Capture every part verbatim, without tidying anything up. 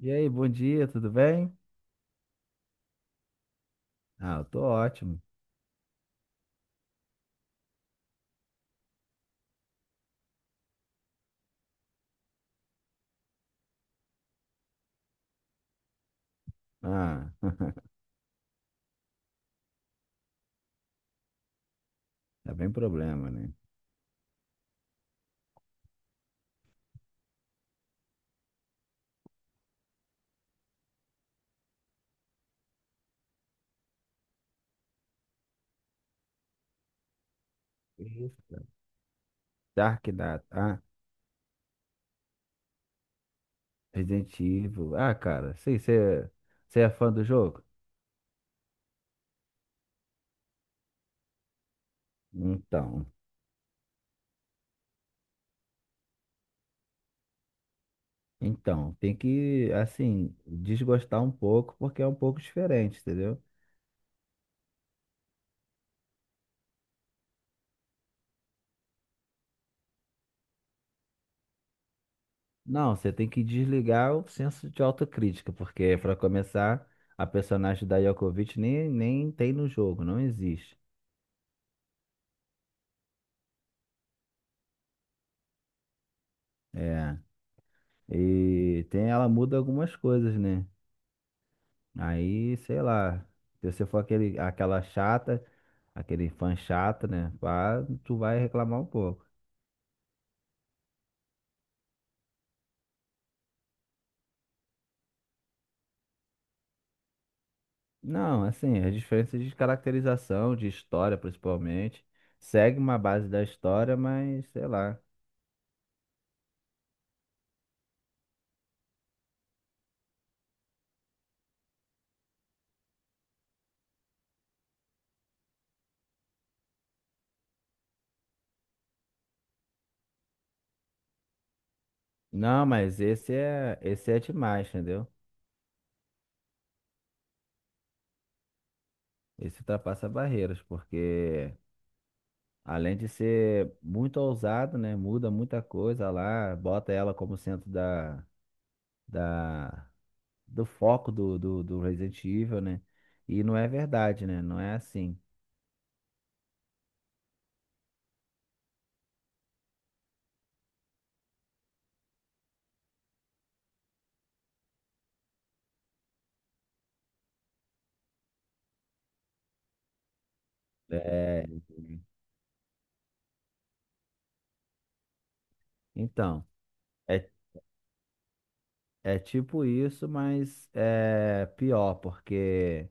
E aí, bom dia, tudo bem? Ah, eu tô ótimo. Ah, tá bem problema, né? Isso. Dark Data, ah, Resident Evil. Ah, cara, sei, você é fã do jogo? Então, então, tem que, assim, desgostar um pouco, porque é um pouco diferente, entendeu? Não, você tem que desligar o senso de autocrítica, porque, pra começar, a personagem da Yokovic nem, nem tem no jogo, não existe. É, e tem, ela muda algumas coisas, né? Aí, sei lá, se você for aquele, aquela chata, aquele fã chato, né? Pá, tu vai reclamar um pouco. Não, assim, as diferenças de caracterização, de história principalmente, segue uma base da história, mas sei lá. Não, mas esse é, esse é demais, entendeu? Esse ultrapassa barreiras, porque além de ser muito ousado, né? Muda muita coisa lá, bota ela como centro da, da do foco do, do, do Resident Evil, né? E não é verdade, né? Não é assim. É, então, é, é tipo isso, mas é pior, porque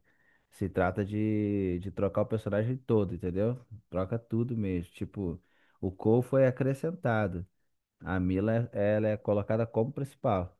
se trata de, de trocar o personagem todo, entendeu? Troca tudo mesmo. Tipo, o Cole foi acrescentado. A Mila, ela é colocada como principal.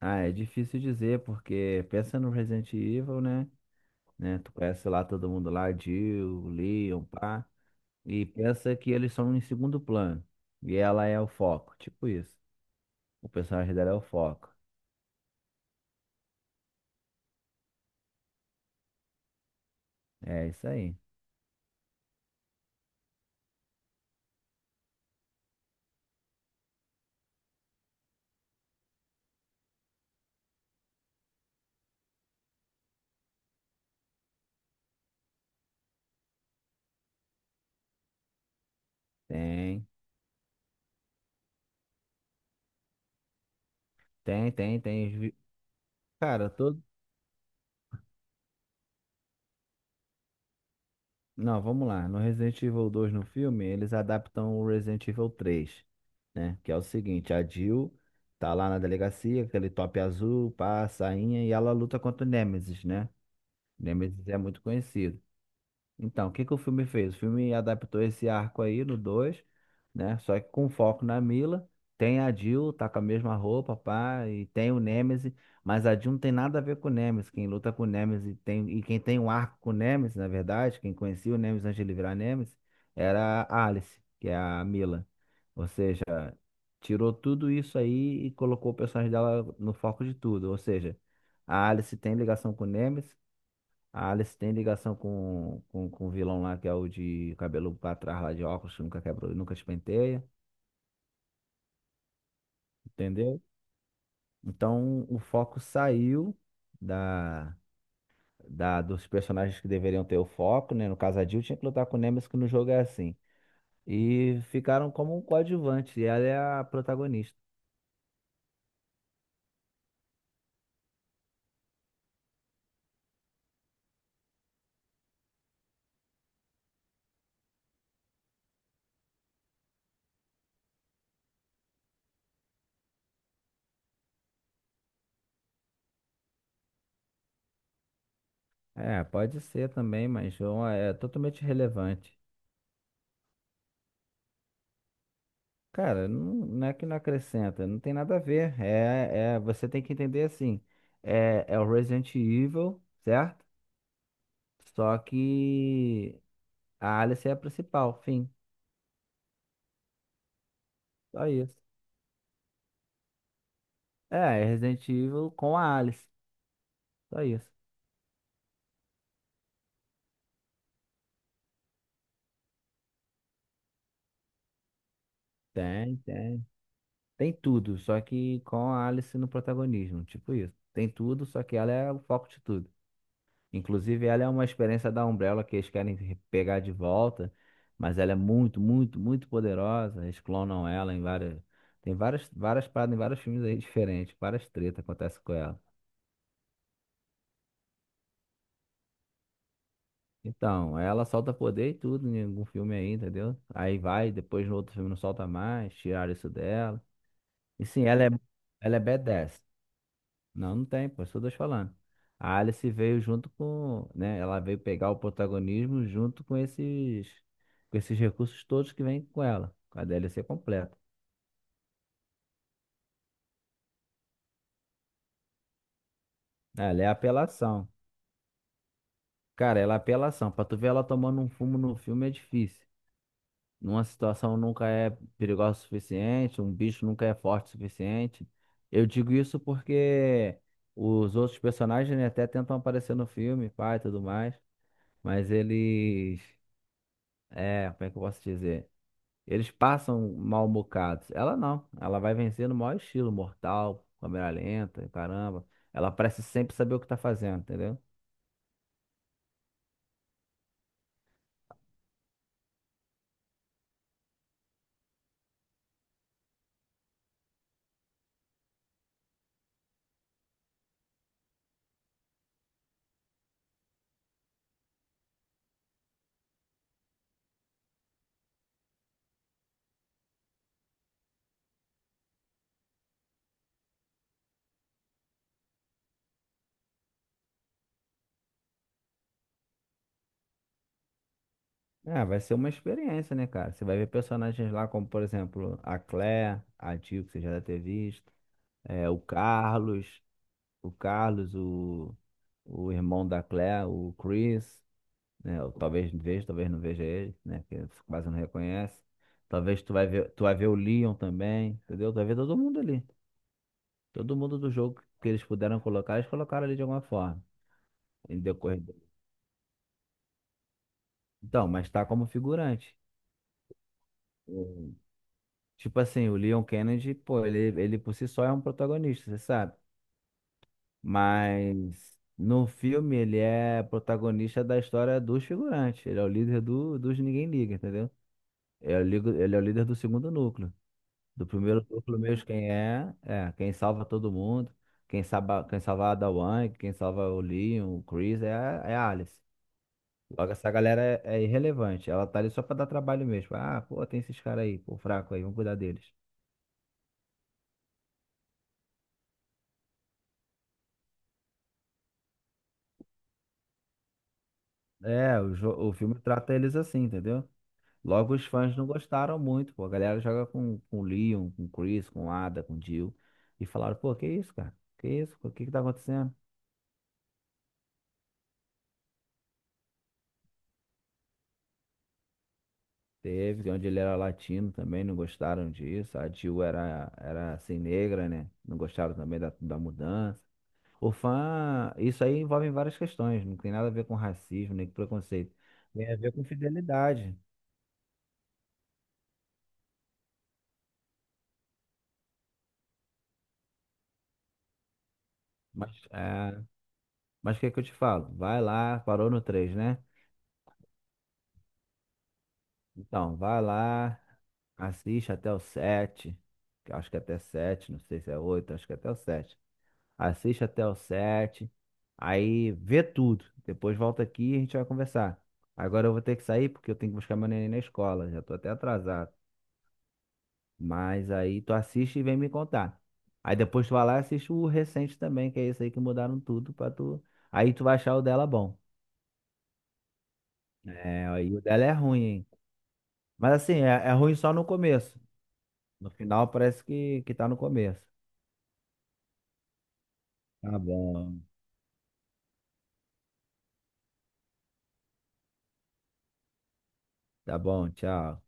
Ah, é difícil dizer, porque pensa no Resident Evil, né? né? Tu conhece lá todo mundo lá, Jill, Leon, pá. E pensa que eles são em segundo plano. E ela é o foco, tipo isso. O personagem dela é o foco. É isso aí. Tem, tem, tem, tem. vi- Cara, todo. Não, vamos lá. No Resident Evil dois no filme, eles adaptam o Resident Evil três, né? Que é o seguinte, a Jill tá lá na delegacia, aquele top azul, pá, a sainha, e ela luta contra o Nemesis, né? Nemesis é muito conhecido. Então, o que que o filme fez? O filme adaptou esse arco aí no dois, né? Só que com foco na Mila. Tem a Jill, tá com a mesma roupa, pá, e tem o Nemesis, mas a Jill não tem nada a ver com o Nemesis. Quem luta com o Nemesis tem, e quem tem um arco com o Nemesis, na verdade, quem conhecia o Nemesis antes de ele virar Nemesis, era a Alice, que é a Mila. Ou seja, tirou tudo isso aí e colocou o personagem dela no foco de tudo. Ou seja, a Alice tem ligação com o Nemesis, a Alice tem ligação com, com, com o vilão lá, que é o de cabelo pra trás lá de óculos, que nunca quebrou, nunca espenteia, entendeu? Então o foco saiu da, da dos personagens que deveriam ter o foco, né? No caso, a Jill tinha que lutar com o Nemesis, que no jogo é assim. E ficaram como um coadjuvante, e ela é a protagonista. É, pode ser também, mas João é totalmente relevante. Cara, não, não é que não acrescenta, não tem nada a ver. É, é, você tem que entender assim. É, é o Resident Evil, certo? Só que a Alice é a principal, fim. Só isso. É, é Resident Evil com a Alice. Só isso. Tem, tem. Tem tudo, só que com a Alice no protagonismo, tipo isso. Tem tudo, só que ela é o foco de tudo. Inclusive, ela é uma experiência da Umbrella que eles querem re- pegar de volta, mas ela é muito, muito, muito poderosa. Eles clonam ela em várias. Tem várias, várias paradas em vários filmes aí diferentes, várias tretas acontecem com ela. Então, ela solta poder e tudo em algum filme aí, entendeu? Aí vai, depois no outro filme não solta mais, tiraram isso dela. E sim, ela é, ela é badass. Não, não tem, pô, isso que eu tô te falando. A Alice veio junto com, né? Ela veio pegar o protagonismo junto com esses, com esses recursos todos que vêm com ela, com a D L C completa. Ela é apelação. Cara, ela é apelação. Pra tu ver ela tomando um fumo no filme é difícil. Numa situação nunca é perigosa o suficiente, um bicho nunca é forte o suficiente. Eu digo isso porque os outros personagens, né, até tentam aparecer no filme, pai e tudo mais, mas eles. É, como é que eu posso dizer? Eles passam mal bocados. Ela não. Ela vai vencer no maior estilo, mortal, câmera lenta, caramba. Ela parece sempre saber o que tá fazendo, entendeu? É, vai ser uma experiência, né, cara? Você vai ver personagens lá como, por exemplo, a Claire, a Jill, que você já deve ter visto, é, o Carlos, o Carlos, o, o irmão da Claire, o Chris, né? Eu talvez veja, talvez não veja ele, né? Porque quase não reconhece. Talvez tu vai ver, tu vai ver o Leon também, entendeu? Tu vai ver todo mundo ali. Todo mundo do jogo que eles puderam colocar, eles colocaram ali de alguma forma, em decorrer. do- Então, mas tá como figurante. Uhum. Tipo assim, o Leon Kennedy, pô, ele, ele por si só é um protagonista, você sabe? Mas no filme ele é protagonista da história dos figurantes. Ele é o líder do, dos Ninguém Liga, entendeu? Ele é o, ligo- ele é o líder do segundo núcleo. Do primeiro núcleo mesmo, quem é, é quem salva todo mundo. Quem salva, quem salva a Ada Wong, quem salva o Leon, o Chris, é, a- é a Alice. Logo, essa galera é, é irrelevante. Ela tá ali só pra dar trabalho mesmo. Ah, pô, tem esses caras aí, pô, fraco aí, vamos cuidar deles. É, o, jo- o filme trata eles assim, entendeu? Logo, os fãs não gostaram muito, pô. A galera joga com, com o Leon, com o Chris, com o Ada, com o Jill. E falaram, pô, que isso, cara? Que isso? O que que tá acontecendo? Teve, onde ele era latino também, não gostaram disso. A Jill era, era assim, negra, né? Não gostaram também da, da mudança. O fã, isso aí envolve várias questões, não tem nada a ver com racismo nem com preconceito. Tem a ver com fidelidade. Mas, é, mas o que é que eu te falo? Vai lá, parou no três, né? Então, vai lá, assiste até o sete. Que eu acho que é até sete, não sei se é oito. Acho que é até o sete. Assiste até o sete. Aí vê tudo. Depois volta aqui e a gente vai conversar. Agora eu vou ter que sair porque eu tenho que buscar meu neném na escola, já tô até atrasado. Mas aí tu assiste e vem me contar. Aí depois tu vai lá e assiste o recente também, que é esse aí que mudaram tudo pra tu. Aí tu vai achar o dela bom. É, aí o dela é ruim, hein? Mas assim, é, é ruim só no começo. No final parece que, que tá no começo. Tá bom. Tá bom, tchau.